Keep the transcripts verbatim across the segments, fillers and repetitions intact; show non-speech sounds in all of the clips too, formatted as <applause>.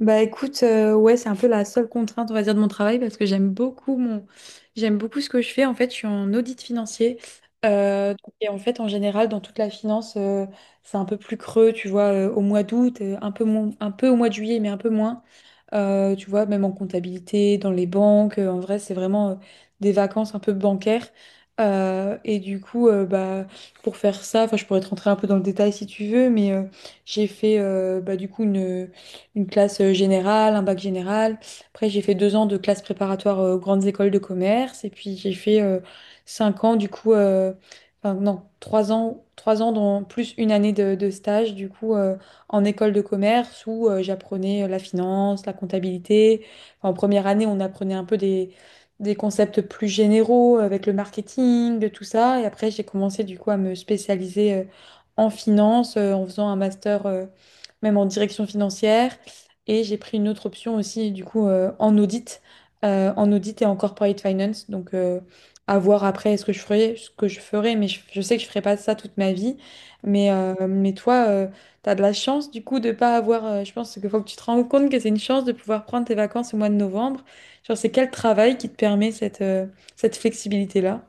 Bah écoute, euh, ouais, c'est un peu la seule contrainte, on va dire, de mon travail parce que j'aime beaucoup mon, j'aime beaucoup ce que je fais. En fait, je suis en audit financier. Euh, et en fait, en général, dans toute la finance, euh, c'est un peu plus creux, tu vois, euh, au mois d'août, euh, un peu moins, un peu au mois de juillet, mais un peu moins. Euh, tu vois, même en comptabilité, dans les banques, euh, en vrai, c'est vraiment euh, des vacances un peu bancaires. Euh, et du coup, euh, bah, pour faire ça, enfin, je pourrais te rentrer un peu dans le détail si tu veux, mais euh, j'ai fait euh, bah, du coup, une une classe euh, générale, un bac général. Après, j'ai fait deux ans de classe préparatoire euh, aux grandes écoles de commerce. Et puis, j'ai fait euh, cinq ans, du coup, euh, enfin, non, trois ans, trois ans, dans, plus une année de, de stage, du coup, euh, en école de commerce où euh, j'apprenais euh, la finance, la comptabilité. Enfin, en première année, on apprenait un peu des des concepts plus généraux avec le marketing, de tout ça. Et après, j'ai commencé du coup à me spécialiser euh, en finance euh, en faisant un master euh, même en direction financière. Et j'ai pris une autre option aussi, du coup, euh, en audit, euh, en audit et en corporate finance. Donc, euh, à voir après ce que je ferai, ce que je ferai, mais je, je sais que je ferai pas ça toute ma vie. Mais, euh, mais toi, euh, tu as de la chance, du coup, de pas avoir. euh, je pense qu'il faut que tu te rendes compte que c'est une chance de pouvoir prendre tes vacances au mois de novembre. Genre, c'est quel travail qui te permet cette, euh, cette flexibilité-là?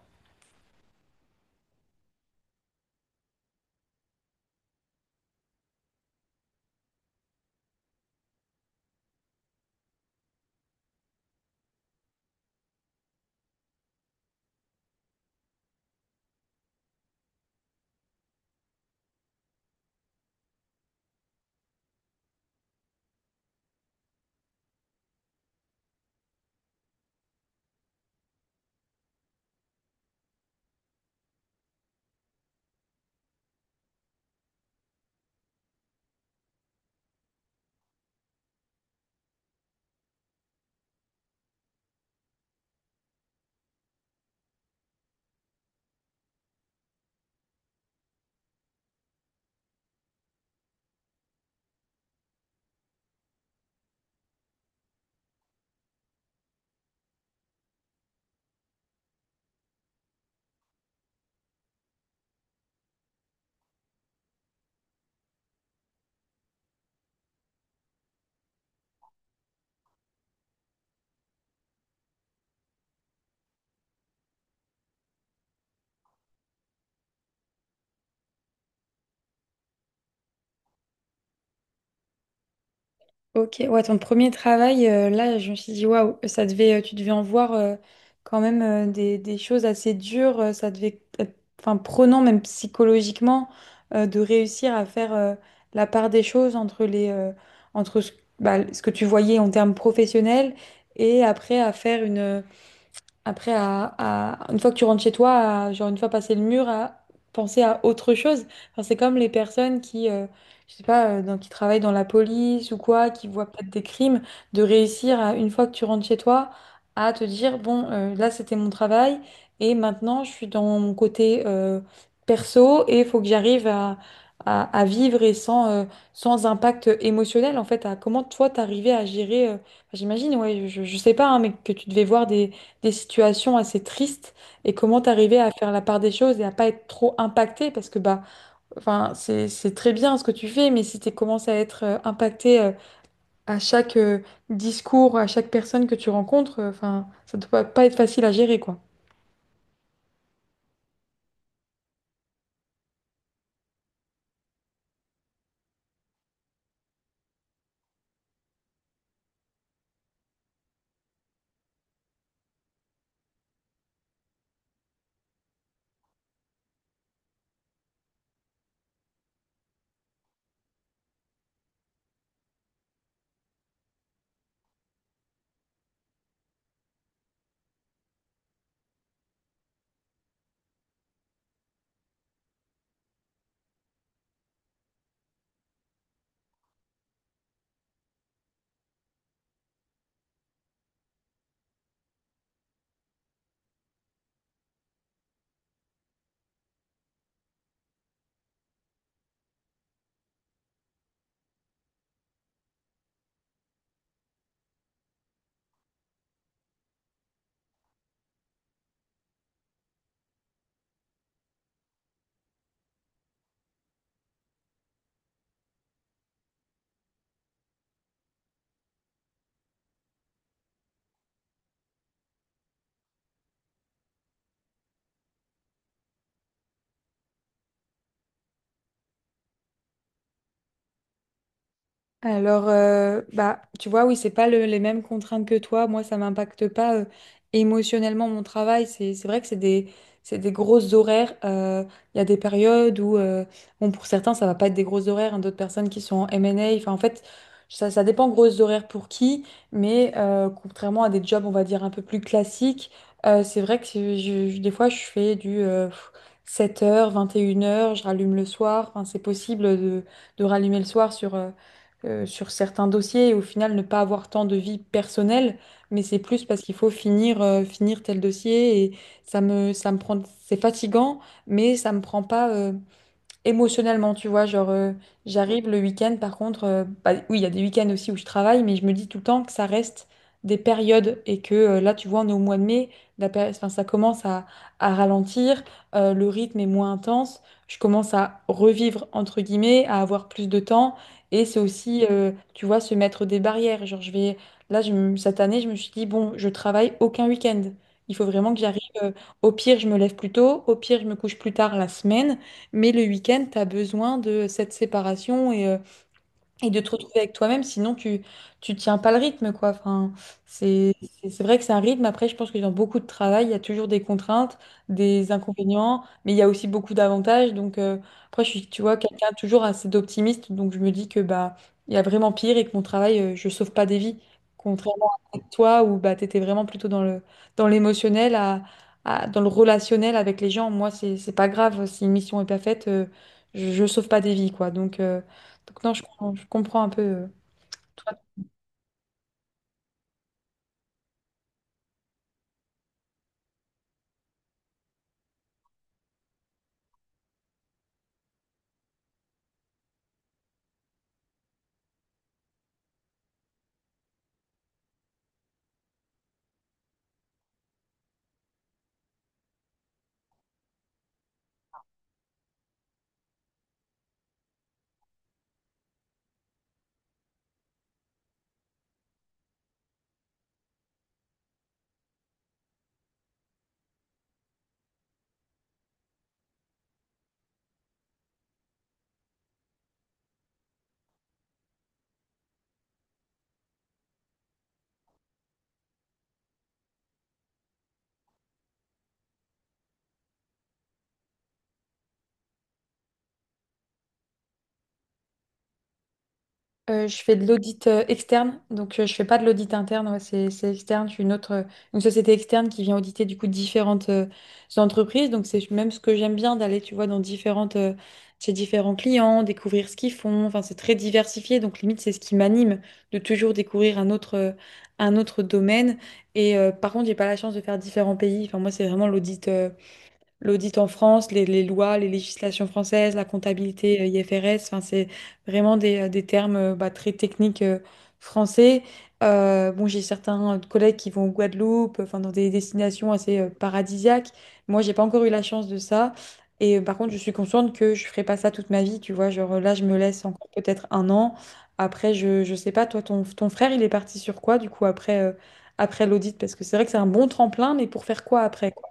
Ok, ouais, ton premier travail, euh, là, je me suis dit, waouh, ça devait, euh, tu devais en voir euh, quand même euh, des, des choses assez dures, euh, ça devait être, enfin, prenant même psychologiquement euh, de réussir à faire euh, la part des choses entre les, euh, entre ce, bah, ce que tu voyais en termes professionnels et après à faire une, après, à, à- une fois que tu rentres chez toi, à- genre une fois passé le mur, à penser à autre chose. Enfin, c'est comme les personnes qui, euh, je sais pas, euh, dans- qui travaillent dans la police ou quoi, qui voient peut-être des crimes, de réussir à, une fois que tu rentres chez toi, à te dire, bon, euh, là c'était mon travail et maintenant je suis dans mon côté euh, perso et il faut que j'arrive à, à, à vivre et sans, euh, sans impact émotionnel, en fait, à comment toi t'arrivais à gérer, euh, enfin, j'imagine, ouais, je, je sais pas, hein, mais que tu devais voir des des situations assez tristes et comment t'arriver à faire la part des choses et à pas être trop impacté parce que bah enfin c'est c'est très bien ce que tu fais mais si tu commences à être euh, impacté euh, à chaque euh, discours à chaque personne que tu rencontres euh, enfin ça doit pas être facile à gérer quoi. Alors, euh, bah, tu vois, oui, c'est pas le- les mêmes contraintes que toi. Moi, ça m'impacte pas euh, émotionnellement mon travail. C'est c'est vrai que c'est des, c'est des grosses horaires. Euh, Il y a des périodes où, euh, bon, pour certains, ça va pas être des grosses horaires, hein. D'autres personnes qui sont en M et A. Enfin, en fait, ça, ça dépend grosses horaires pour qui. Mais euh, contrairement à des jobs, on va dire, un peu plus classiques, euh, c'est vrai que je- je- des fois, je fais du sept heures, vingt et une heures. Je rallume le soir. Enfin, c'est possible de de rallumer le soir sur. euh, euh, sur certains dossiers et au final ne pas avoir tant de vie personnelle, mais c'est plus parce qu'il faut finir, euh, finir tel dossier et ça me, ça me prend, c'est fatigant, mais ça me prend pas, euh, émotionnellement, tu vois. Genre, euh, j'arrive le week-end, par contre, euh, bah, oui, il y a des week-ends aussi où je travaille, mais je me dis tout le temps que ça reste des périodes et que euh, là, tu vois, on est au mois de mai, la péri- enfin, ça commence à, à ralentir, euh, le rythme est moins intense, je commence à revivre, entre guillemets, à avoir plus de temps et c'est aussi, euh, tu vois, se mettre des barrières. Genre, je vais, là, je me- cette année, je me suis dit, bon, je travaille aucun week-end. Il faut vraiment que j'arrive. euh, au pire, je me lève plus tôt. Au pire, je me couche plus tard la semaine. Mais le week-end, tu as besoin de cette séparation, et, euh, et de te retrouver avec toi-même, sinon tu tu tiens pas le rythme quoi. Enfin, c'est c'est c'est vrai que c'est un rythme. Après, je pense que dans beaucoup de travail, il y a toujours des contraintes, des inconvénients, mais il y a aussi beaucoup d'avantages. Donc euh, après, je suis tu vois quelqu'un toujours assez d'optimiste, donc je me dis que bah il y a vraiment pire et que mon travail, euh, je sauve pas des vies, contrairement à toi où bah t'étais vraiment plutôt dans le dans l'émotionnel à, à- dans le relationnel avec les gens. Moi, c'est c'est pas grave si une mission est pas faite, euh, je, je sauve pas des vies quoi. Donc euh, donc non, je, com- je comprends un peu. euh, toi. Euh, je fais de l'audit euh, externe, donc euh, je fais pas de l'audit interne, ouais, c'est c'est externe. Je suis une autre, euh, une société externe qui vient auditer du coup différentes euh, entreprises. Donc c'est même ce que j'aime bien d'aller, tu vois, dans différentes euh, chez différents clients, découvrir ce qu'ils font. Enfin, c'est très diversifié, donc limite c'est ce qui m'anime de toujours découvrir un autre, euh, un autre domaine. Et euh, par contre, j'ai pas la chance de faire différents pays. Enfin, moi, c'est vraiment l'audit. euh, l'audit en France, les, les lois, les législations françaises, la comptabilité euh, I F R S, enfin, c'est vraiment des, euh, des termes euh, bah, très techniques euh, français. Euh, bon, j'ai certains euh, collègues qui vont au Guadeloupe, euh, enfin, dans des destinations assez euh, paradisiaques. Moi, j'ai pas encore eu la chance de ça. Et euh, par contre, je suis consciente que je ferai pas ça toute ma vie, tu vois. Genre là, je me laisse encore peut-être un an. Après, je, je sais pas, toi, ton, ton frère, il est parti sur quoi, du coup, après, euh, après l'audit? Parce que c'est vrai que c'est un bon tremplin, mais pour faire quoi après, quoi?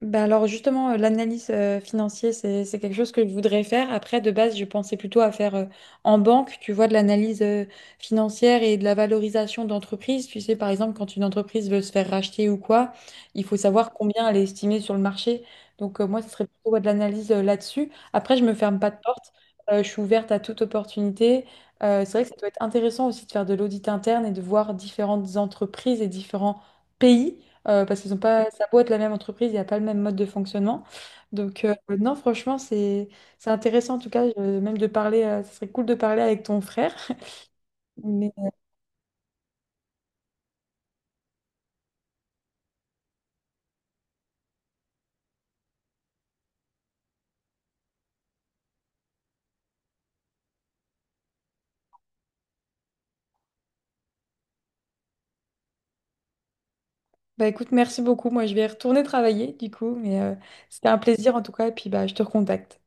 Ben alors justement, euh, l'analyse euh, financière, c'est, c'est quelque chose que je voudrais faire. Après, de base, je pensais plutôt à faire euh, en banque, tu vois, de l'analyse euh, financière et de la valorisation d'entreprise. Tu sais, par exemple, quand une entreprise veut se faire racheter ou quoi, il faut savoir combien elle est estimée sur le marché. Donc euh, moi, ce serait plutôt ouais, de l'analyse euh, là-dessus. Après, je me ferme pas de porte. Euh, je suis ouverte à toute opportunité. Euh, c'est vrai que ça doit être intéressant aussi de faire de l'audit interne et de voir différentes entreprises et différents pays euh, parce qu'ils ont pas, ça a beau être la même entreprise, il n'y a pas le même mode de fonctionnement. Donc, euh, non, franchement, c'est c'est intéressant en tout cas, euh, même de parler, euh, ça serait cool de parler avec ton frère. <laughs> Mais euh, Bah écoute, merci beaucoup. Moi, je vais retourner travailler du coup, mais euh, c'était un plaisir en tout cas, et puis bah, je te recontacte.